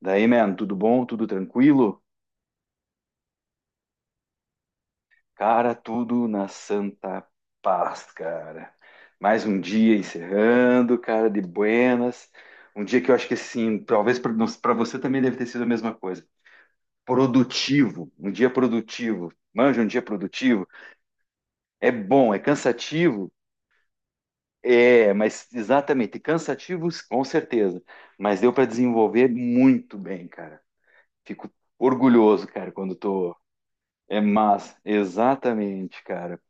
Daí, man, tudo bom? Tudo tranquilo? Cara, tudo na santa paz, cara. Mais um dia encerrando, cara, de buenas. Um dia que eu acho que, assim, talvez para você também deve ter sido a mesma coisa. Produtivo, um dia produtivo. Manja, um dia produtivo. É bom, é cansativo? É, mas exatamente, cansativos, com certeza. Mas deu para desenvolver muito bem, cara. Fico orgulhoso, cara, quando tô. É massa, exatamente, cara.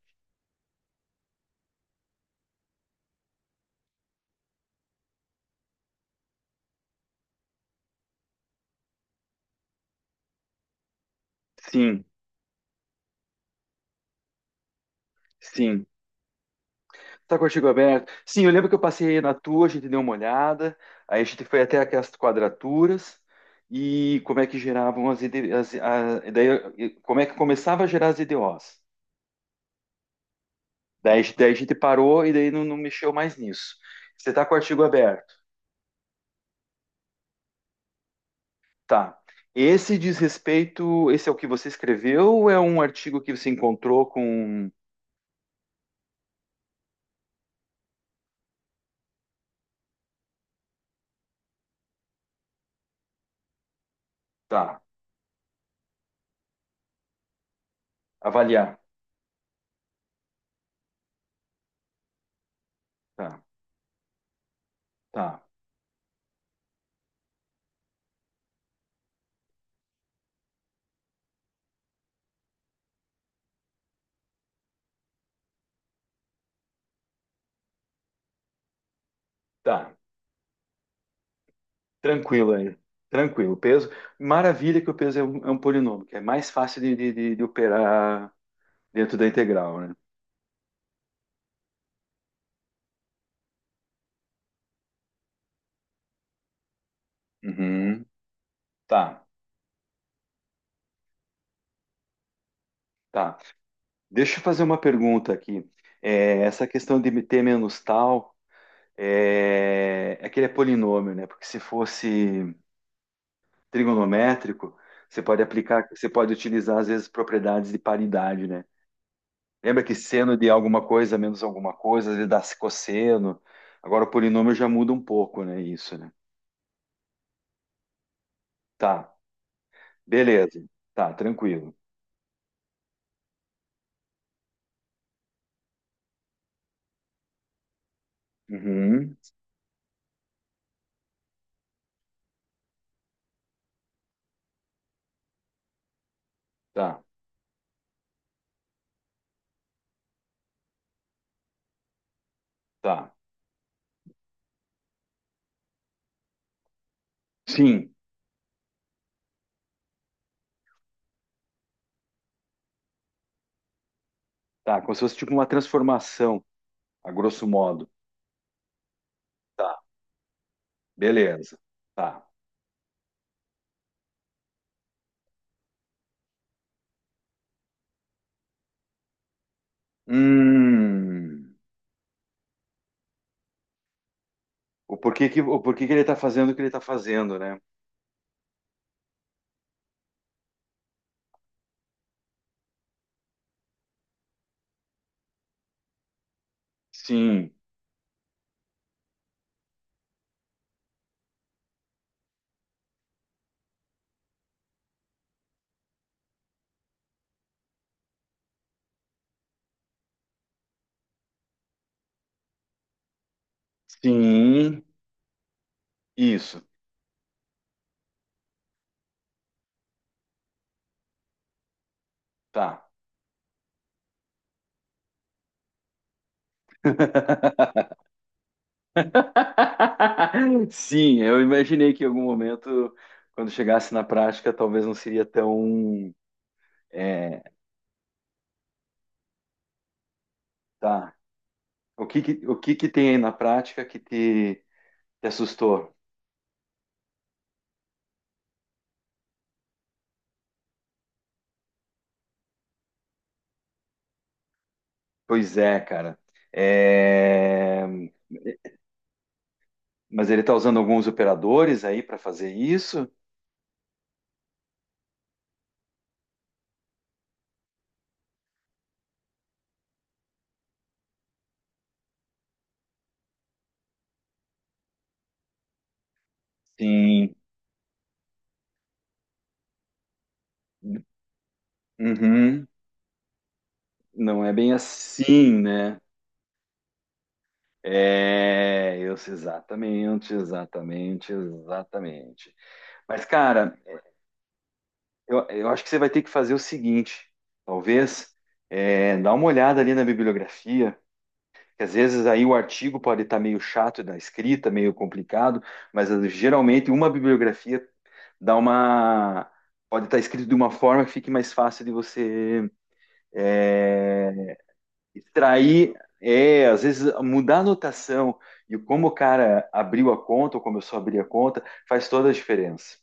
Sim, sim. Tá com o artigo aberto? Sim, eu lembro que eu passei na tua, a gente deu uma olhada, aí a gente foi até aquelas quadraturas e como é que geravam as, e daí, e como é que começava a gerar as IDOs. Daí, daí a gente parou e daí não, não mexeu mais nisso. Você tá com o artigo aberto? Tá. Esse diz respeito, esse é o que você escreveu ou é um artigo que você encontrou com... Tá, avaliar. Tá, tá, tá. Tranquilo aí. Tranquilo. Peso. Maravilha que o peso é um polinômio, que é mais fácil de operar dentro da integral, né? Uhum. Tá, tá. Deixa eu fazer uma pergunta aqui. É, essa questão de ter menos tal é que ele é polinômio, né? Porque se fosse trigonométrico, você pode aplicar, você pode utilizar às vezes propriedades de paridade, né? Lembra que seno de alguma coisa menos alguma coisa, às vezes dá cosseno. Agora o polinômio já muda um pouco, né? Isso, né? Tá, beleza. Tá, tranquilo. Uhum. Tá, tá. Sim, tá, como se fosse tipo uma transformação, a grosso modo. Tá, beleza. Tá. Hum. O porquê que ele tá fazendo o que ele tá fazendo, né? Sim, sim, isso, tá. Sim, eu imaginei que em algum momento, quando chegasse na prática, talvez não seria tão, é, tá. O que que tem aí na prática que te assustou? Pois é, cara. É, Mas ele está usando alguns operadores aí para fazer isso? Sim. Uhum. Não é bem assim, né? É, eu sei exatamente, exatamente, exatamente. Mas, cara, eu acho que você vai ter que fazer o seguinte, talvez, é, dá uma olhada ali na bibliografia que às vezes aí o artigo pode estar meio chato da escrita, meio complicado, mas geralmente uma bibliografia dá uma pode estar escrito de uma forma que fique mais fácil de você eh, extrair, às vezes mudar a notação e como o cara abriu a conta ou começou a abrir a conta faz toda a diferença,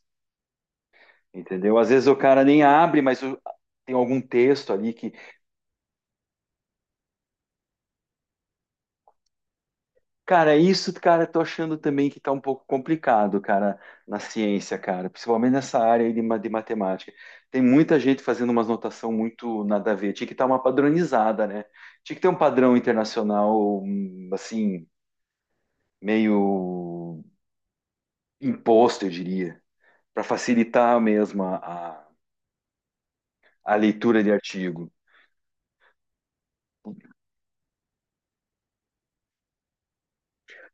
entendeu? Às vezes o cara nem abre, mas tem algum texto ali que. Cara, isso, cara, tô achando também que tá um pouco complicado, cara, na ciência, cara, principalmente nessa área aí de matemática. Tem muita gente fazendo umas notação muito nada a ver. Tinha que estar uma padronizada, né? Tinha que ter um padrão internacional, assim, meio imposto, eu diria, para facilitar mesmo a leitura de artigo.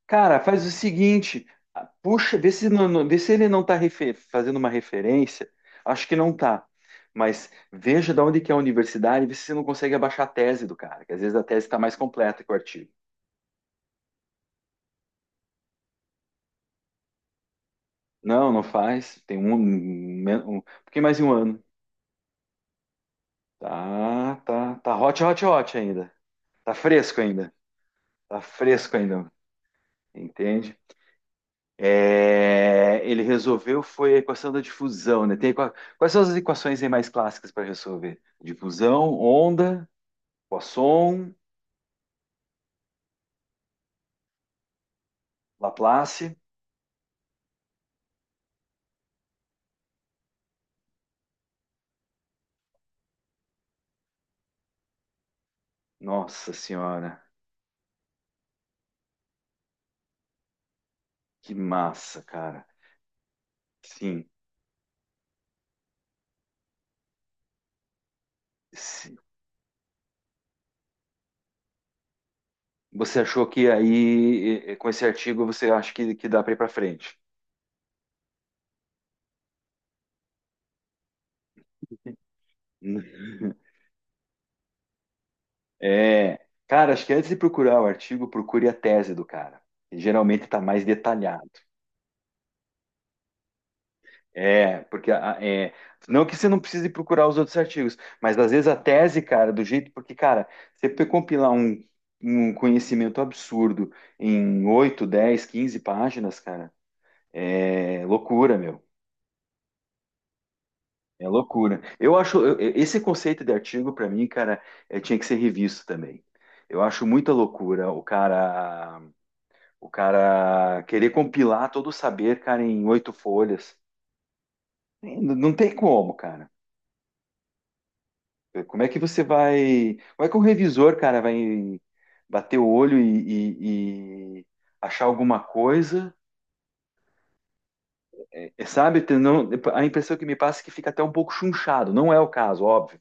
Cara, faz o seguinte, ah, puxa, vê se, vê se ele não tá fazendo uma referência. Acho que não tá. Mas veja de onde que é a universidade, vê se você não consegue abaixar a tese do cara, que às vezes a tese está mais completa que o artigo. Não, não faz. Tem um pouquinho mais de um ano. Tá, tá, tá hot, hot, hot ainda. Tá fresco ainda. Tá fresco ainda. Entende? É, ele resolveu foi a equação da difusão, né? Quais são as equações aí mais clássicas para resolver? Difusão, onda, Poisson, Laplace. Nossa senhora, que massa, cara. Sim, sim. Você achou que aí, com esse artigo, você acha que dá para ir para frente? É, cara, acho que antes de procurar o artigo, procure a tese do cara. Geralmente está mais detalhado. É, porque é, não que você não precise procurar os outros artigos, mas às vezes a tese, cara, do jeito, porque, cara, você compilar um conhecimento absurdo em 8, 10, 15 páginas, cara, é loucura, meu. É loucura. Eu acho, eu- esse conceito de artigo, pra mim, cara, é, tinha que ser revisto também. Eu acho muita loucura o cara querer compilar todo o saber, cara, em oito folhas. Não não tem como, cara. Como é que você vai. Como é que o revisor, cara, vai bater o olho e achar alguma coisa? É, sabe? A impressão que me passa é que fica até um pouco chunchado. Não é o caso, óbvio.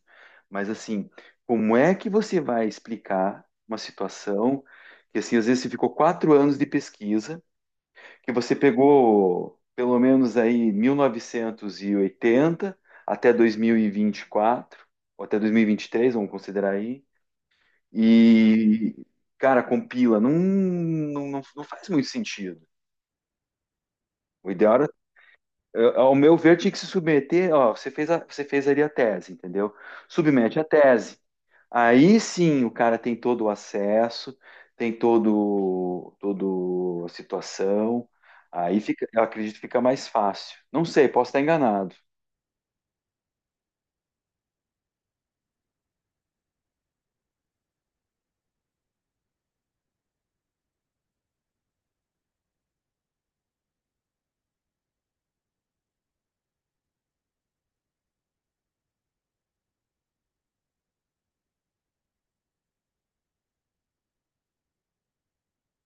Mas assim, como é que você vai explicar uma situação que assim, às vezes você ficou 4 anos de pesquisa, que você pegou pelo menos aí 1980 até dois mil e vinte e quatro ou até dois mil e vinte e três? Vamos considerar aí. E, cara, compila. Não, não, não, não faz muito sentido. O ideal era, ao meu ver, tinha que se submeter. Ó, você fez ali a tese, entendeu? Submete a tese. Aí sim o cara tem todo o acesso, tem todo a situação. Aí fica, eu acredito que fica mais fácil. Não sei, posso estar enganado.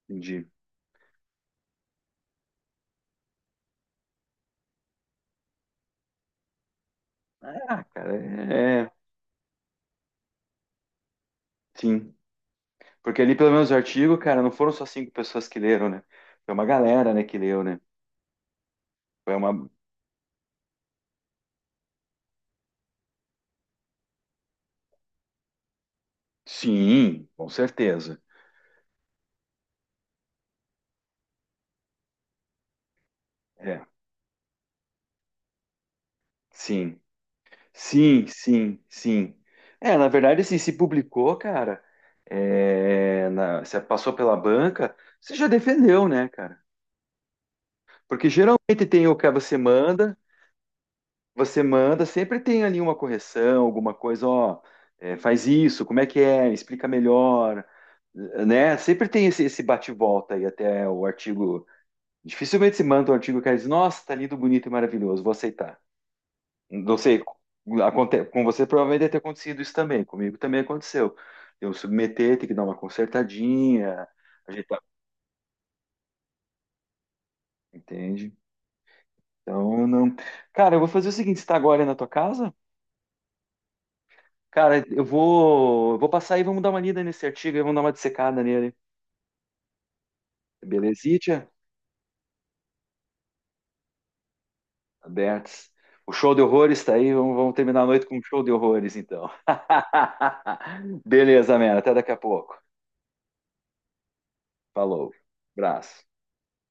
Entendi. Ah, cara, sim. Porque ali, pelo menos, o artigo, cara, não foram só cinco pessoas que leram, né? Foi uma galera, né, que leu, né? Foi uma. Sim, com certeza. É, sim. Sim, sim, sim. É, na verdade, assim, se publicou, cara, se passou pela banca, você já defendeu, né, cara? Porque geralmente tem o que você manda, sempre tem ali uma correção, alguma coisa, ó, é, faz isso, como é que é, explica melhor, né? Sempre tem esse bate-volta aí até o artigo. Dificilmente se manda um artigo que diz, nossa, tá lindo, bonito e maravilhoso, vou aceitar. Não sei, com você provavelmente deve ter acontecido isso também, comigo também aconteceu. Eu submeter, ter que dar uma consertadinha, ajeitar, entende? Então, não. Cara, eu vou fazer o seguinte, você tá agora aí na tua casa? Cara, eu vou passar aí, vamos dar uma lida nesse artigo, aí vamos dar uma dissecada nele. Belezitia? Abertos. O show de horrores tá aí, vamos terminar a noite com um show de horrores, então. Beleza, Mera, até daqui a pouco. Falou. Abraço.